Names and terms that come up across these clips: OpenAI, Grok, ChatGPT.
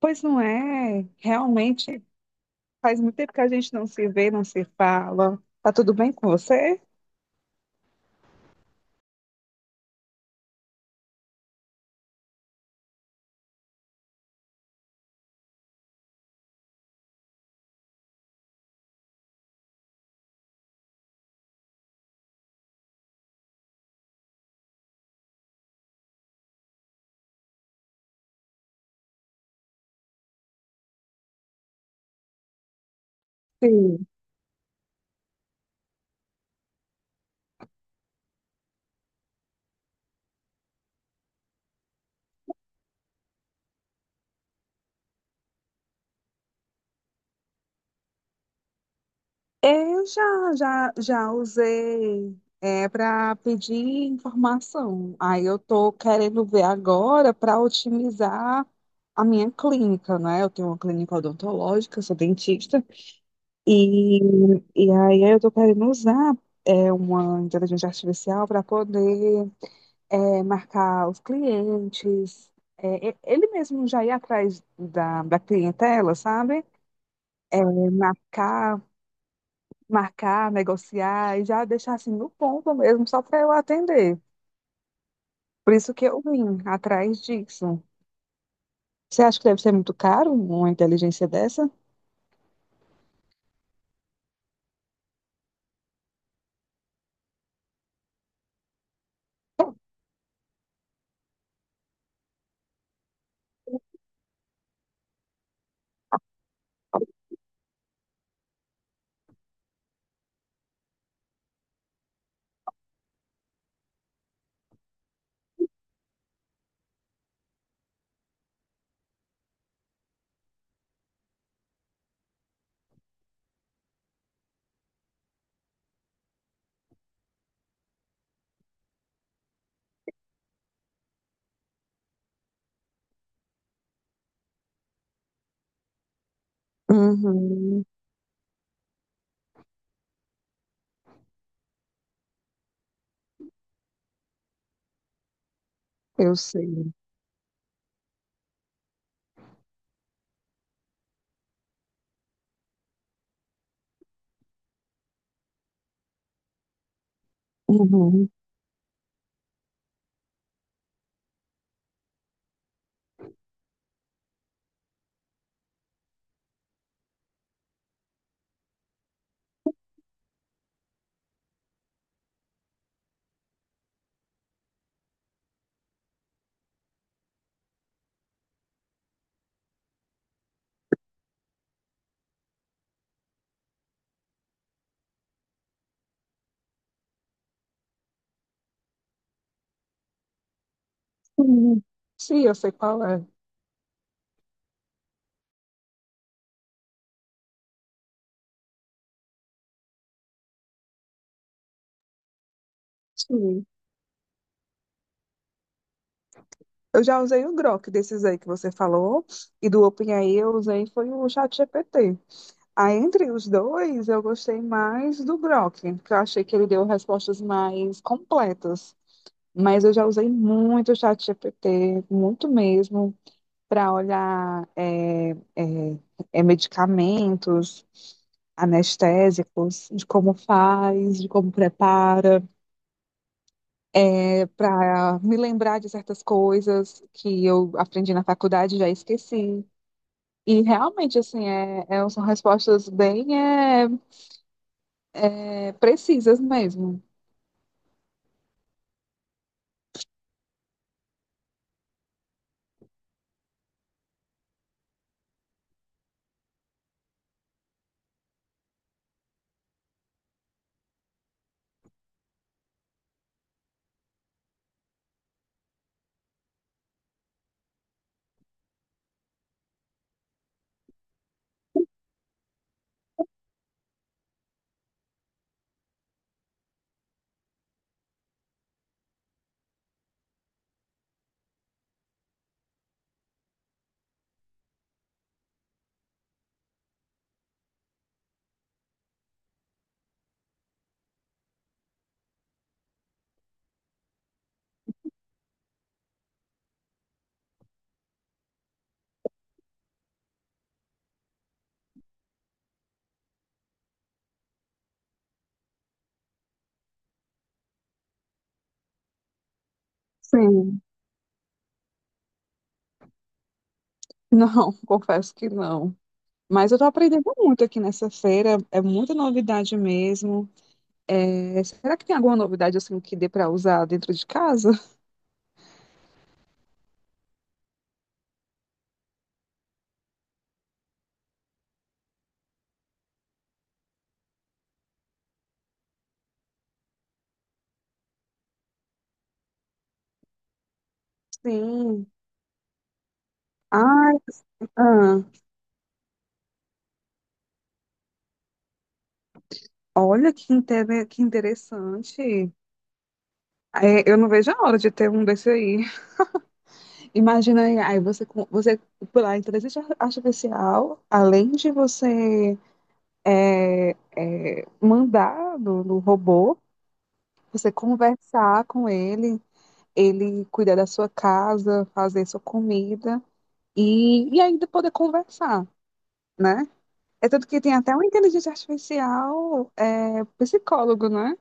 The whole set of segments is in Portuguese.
Pois não é, realmente faz muito tempo que a gente não se vê, não se fala. Tá tudo bem com você? Sim. Eu já, já usei para pedir informação. Aí eu tô querendo ver agora para otimizar a minha clínica, né? Eu tenho uma clínica odontológica, eu sou dentista, e, aí eu tô querendo usar uma inteligência artificial para poder marcar os clientes, ele mesmo já ir atrás da clientela, sabe? É, marcar, marcar, negociar e já deixar assim no ponto mesmo, só para eu atender. Por isso que eu vim atrás disso. Você acha que deve ser muito caro uma inteligência dessa? Uhum, eu sei. Uhum. Sim, Sim, eu sei qual é. Sim. Eu já usei o Grok desses aí que você falou, e do OpenAI eu usei foi o ChatGPT. Aí, entre os dois, eu gostei mais do Grok, porque eu achei que ele deu respostas mais completas. Mas eu já usei muito o ChatGPT, muito mesmo, para olhar medicamentos, anestésicos, de como faz, de como prepara, para me lembrar de certas coisas que eu aprendi na faculdade e já esqueci. E realmente, assim, são respostas bem precisas mesmo. Sim. Não, confesso que não. Mas eu tô aprendendo muito aqui nessa feira, é muita novidade mesmo. É, será que tem alguma novidade, assim, que dê para usar dentro de casa? Sim. Ai, ah, olha que, que interessante. É, eu não vejo a hora de ter um desse aí. Imagina aí, você por lá, inteligência artificial, além de você é, mandar do robô, você conversar com ele, ele cuidar da sua casa, fazer sua comida e ainda poder conversar, né? É tanto que tem até uma inteligência artificial psicólogo, né?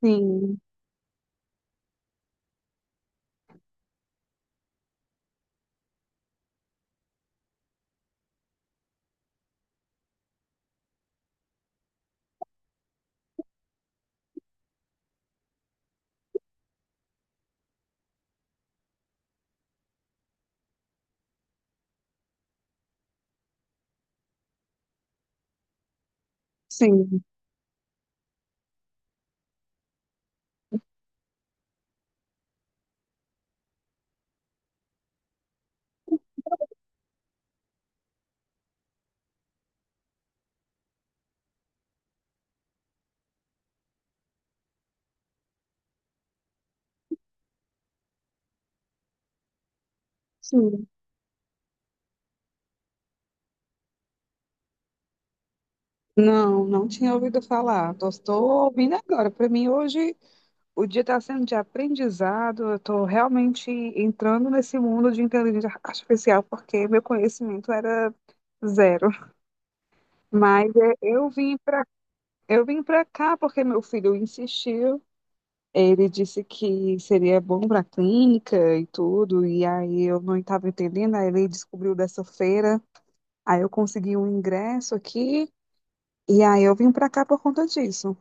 Sim, sim, sim. Não, não tinha ouvido falar. Estou ouvindo agora. Para mim, hoje o dia está sendo de aprendizado, eu estou realmente entrando nesse mundo de inteligência artificial, porque meu conhecimento era zero. Mas é, eu vim para cá porque meu filho insistiu. Ele disse que seria bom para a clínica e tudo, e aí eu não estava entendendo, aí ele descobriu dessa feira, aí eu consegui um ingresso aqui, e aí eu vim para cá por conta disso.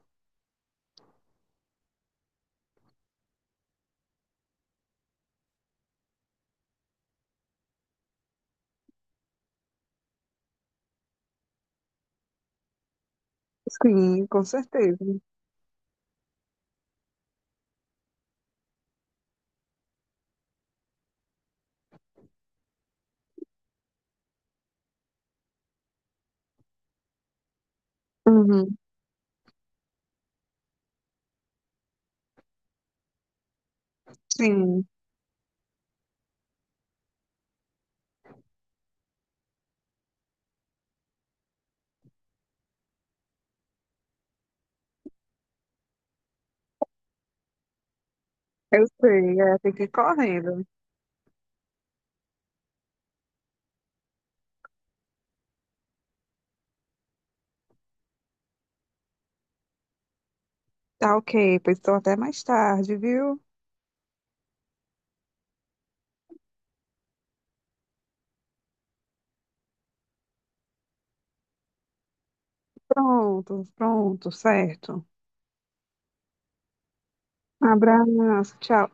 Sim, com certeza. Uhum, sim, eu sei, é, tem que ir correndo. Tá ok, pois estou até mais tarde, viu? Pronto, pronto, certo. Abraço, tchau.